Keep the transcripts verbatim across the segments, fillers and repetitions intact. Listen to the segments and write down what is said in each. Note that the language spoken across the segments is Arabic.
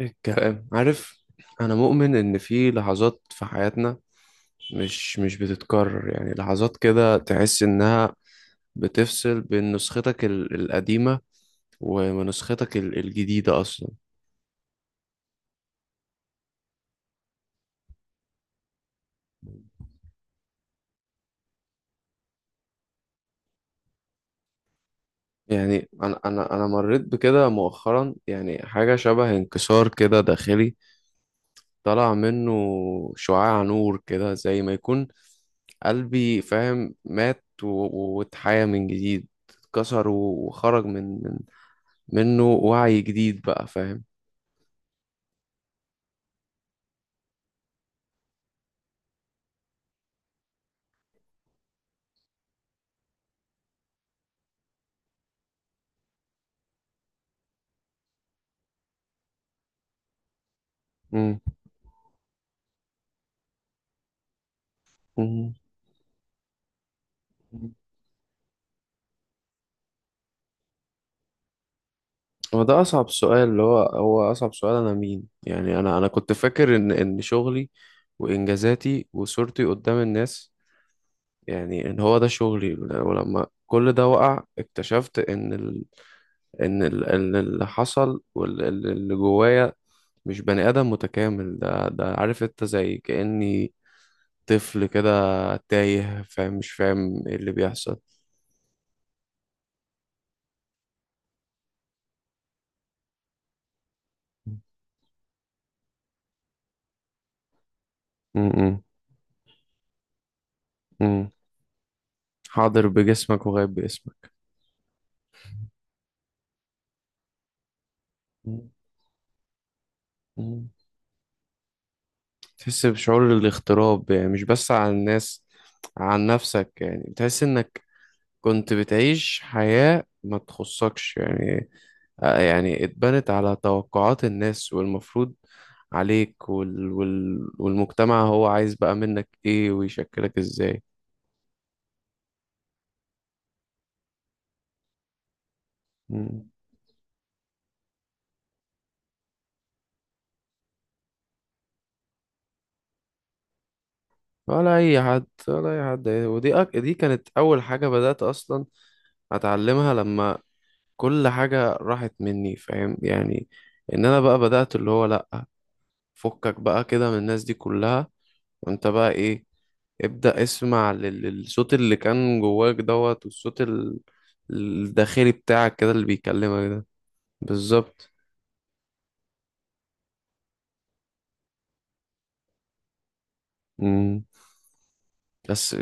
إيه الكلام عارف. انا مؤمن ان في لحظات في حياتنا مش مش بتتكرر، يعني لحظات كده تحس انها بتفصل بين نسختك ال- القديمة و- ونسختك ال- الجديدة اصلا. يعني انا انا انا مريت بكده مؤخرا، يعني حاجة شبه انكسار كده داخلي طلع منه شعاع نور كده زي ما يكون قلبي فاهم، مات و- و- واتحيا من جديد، اتكسر و- وخرج من منه وعي جديد بقى فاهم. مم. مم. هو ده أصعب سؤال، اللي هو هو أصعب سؤال، أنا مين؟ يعني أنا أنا كنت فاكر إن إن شغلي وإنجازاتي وصورتي قدام الناس، يعني إن هو ده شغلي. ولما كل ده وقع اكتشفت إن ال... إن ال... إن اللي حصل واللي جوايا مش بني آدم متكامل، ده ده عارف أنت زي كأني طفل كده تايه فاهم، مش فاهم إيه اللي بيحصل. م- م- م. حاضر بجسمك وغايب باسمك. مم. مم. تحس بشعور الاغتراب، يعني مش بس عن الناس، عن نفسك، يعني بتحس انك كنت بتعيش حياة ما تخصكش يعني. آه، يعني اتبنت على توقعات الناس والمفروض عليك وال... وال... والمجتمع هو عايز بقى منك ايه ويشكلك ازاي. مم. ولا اي حد ولا اي حد، ودي أك... دي كانت اول حاجة بدأت اصلا اتعلمها لما كل حاجة راحت مني فاهم يعني، ان انا بقى بدأت اللي هو لأ، فكك بقى كده من الناس دي كلها، وانت بقى ايه، ابدأ اسمع لل- للصوت اللي كان جواك دوت، والصوت ال- الداخلي بتاعك كده اللي بيكلمك ده. بالظبط. مم. بس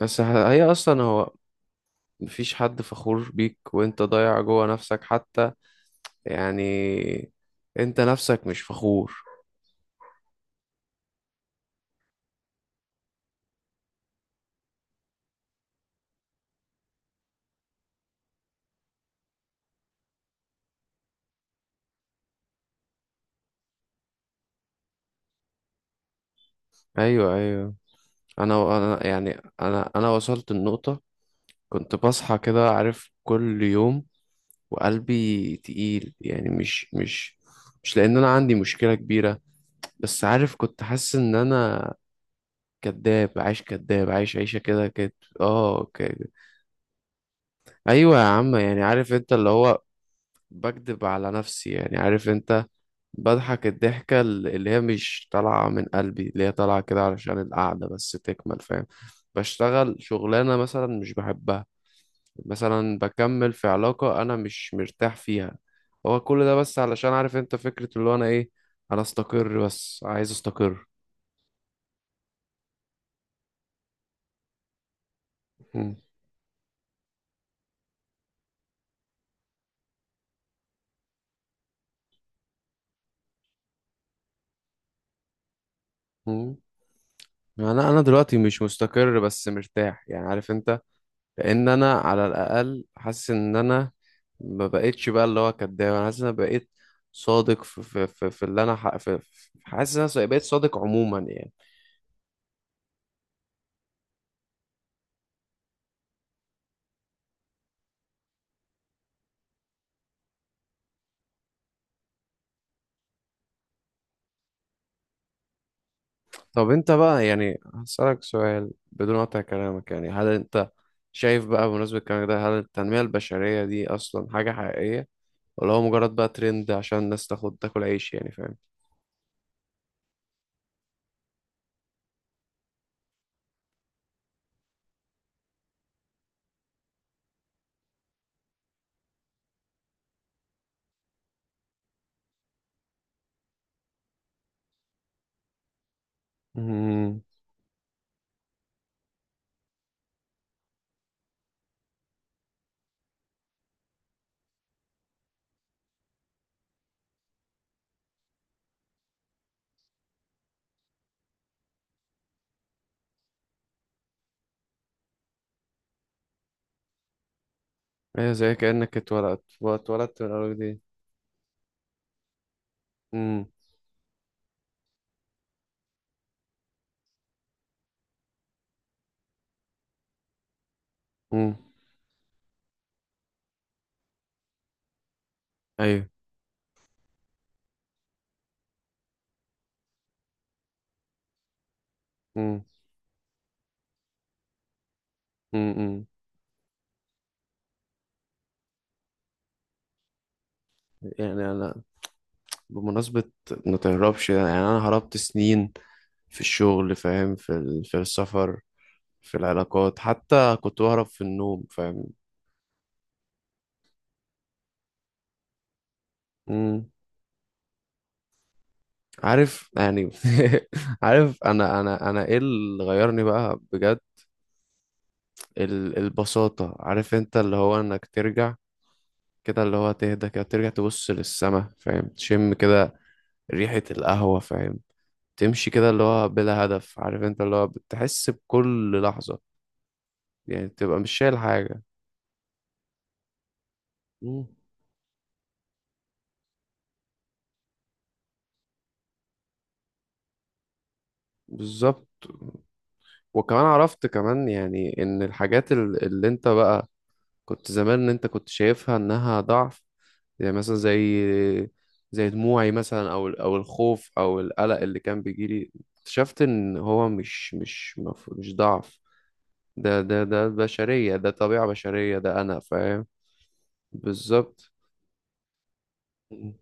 بس ه- هي اصلا هو، مفيش حد فخور بيك وانت ضايع جوا نفسك حتى يعني، انت نفسك مش فخور. ايوه، ايوه. انا انا يعني انا انا وصلت النقطة، كنت بصحى كده عارف كل يوم وقلبي تقيل، يعني مش مش مش لأن أنا عندي مشكلة كبيرة، بس عارف كنت حاسس إن أنا كداب عايش، كداب عايش عيشة كده كده. اه ك- أيوة يا عم، يعني عارف أنت اللي هو بكدب على نفسي، يعني عارف أنت بضحك الضحكة ال- اللي هي مش طالعة من قلبي، اللي هي طالعة كده علشان القعدة بس تكمل فاهم. بشتغل شغلانة مثلا مش بحبها، مثلا بكمل في علاقة أنا مش مرتاح فيها، هو كل ده بس علشان عارف أنت فكرة اللي هو أنا إيه. أنا أستقر، بس عايز أستقر. مم. مم. يعني أنا أنا دلوقتي مش مستقر بس مرتاح، يعني عارف أنت. لأن أنا على الأقل حاسس إن أنا ما بقتش بقى اللي هو كداب، أنا حاسس إن أنا بقيت صادق في في في, في اللي أنا ح... في... في- حاسس إن أنا بقيت صادق عموما يعني. طب انت بقى يعني هسألك سؤال بدون قطع كلامك، يعني هل انت شايف بقى بمناسبة الكلام ده، هل التنمية البشرية دي أصلا حاجة حقيقية، ولا هو مجرد بقى ترند عشان الناس تاخد تاكل عيش يعني فاهم؟ امم. ايه، زي كأنك اتولدت اتولدت من الأول دي. امم. امم. ايوه. امم. امم. يعني أنا، بمناسبة ما تهربش، يعني أنا هربت سنين في الشغل فاهم، في ال... في السفر في العلاقات، حتى كنت بهرب في النوم فاهم؟ عارف يعني عارف انا انا انا ايه اللي غيرني بقى بجد. ال- البساطة، عارف انت اللي هو انك ترجع كده، اللي هو تهدى كده ترجع تبص للسما فاهم، تشم كده ريحة القهوة فاهم، تمشي كده اللي هو بلا هدف عارف انت، اللي هو بتحس بكل لحظة يعني تبقى مش شايل حاجة. مم. بالظبط. وكمان عرفت كمان، يعني ان الحاجات ال- اللي انت بقى كنت زمان ان انت كنت شايفها انها ضعف، يعني مثلا زي زي دموعي مثلا او او الخوف او القلق اللي كان بيجيلي، اكتشفت ان هو مش مش مف- مش ضعف. ده ده ده بشرية، ده طبيعة بشرية، ده انا فاهم. بالظبط. مم.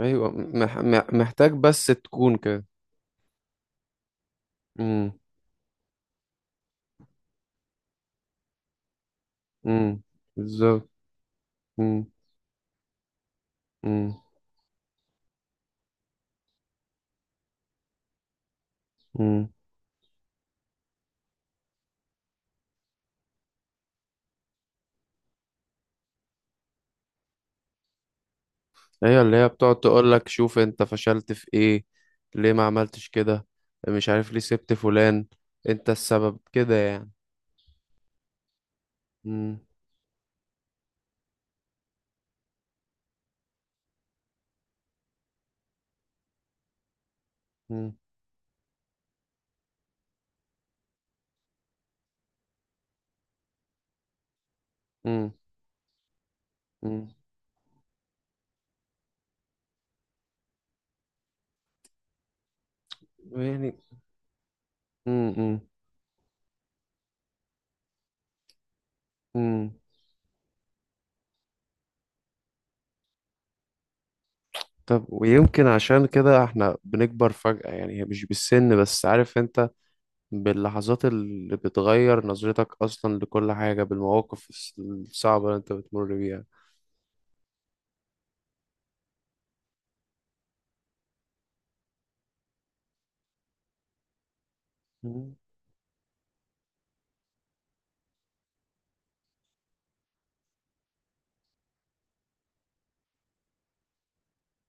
ايوه، مح مح- محتاج بس تكون كده. امم. امم. بالظبط. امم. امم. امم. هي اللي هي بتقعد تقول لك شوف انت فشلت في ايه، ليه ما عملتش كده، مش عارف ليه سبت فلان، انت السبب كده يعني. مم. مم. مم. يعني مم. مم. مم. طب ويمكن عشان كده احنا بنكبر فجأة، يعني هي مش بالسن بس عارف انت، باللحظات اللي بتغير نظرتك اصلا لكل حاجة، بالمواقف الص- الصعبة اللي انت بتمر بيها. مم.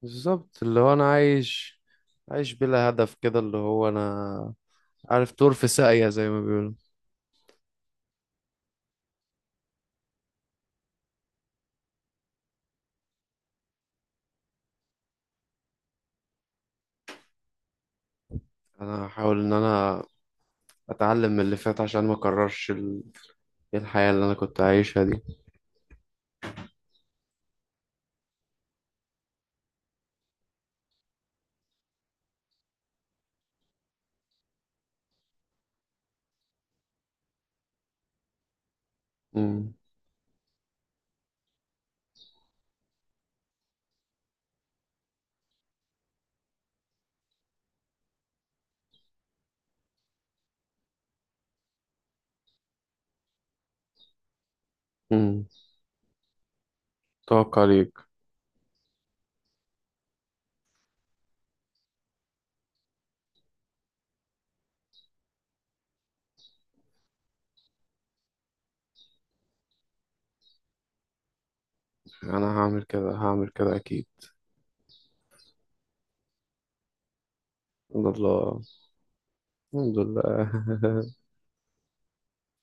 بالظبط، اللي هو انا عايش، عايش بلا هدف كده، اللي هو انا عارف طور في ساقية زي ما بيقولوا. انا هحاول ان انا اتعلم من اللي فات، عشان ما اكررش ال- الحياة اللي انا كنت عايشها دي. مم. مم. توقع عليك. انا هعمل كده، هعمل كده اكيد. الحمد لله. الحمد لله.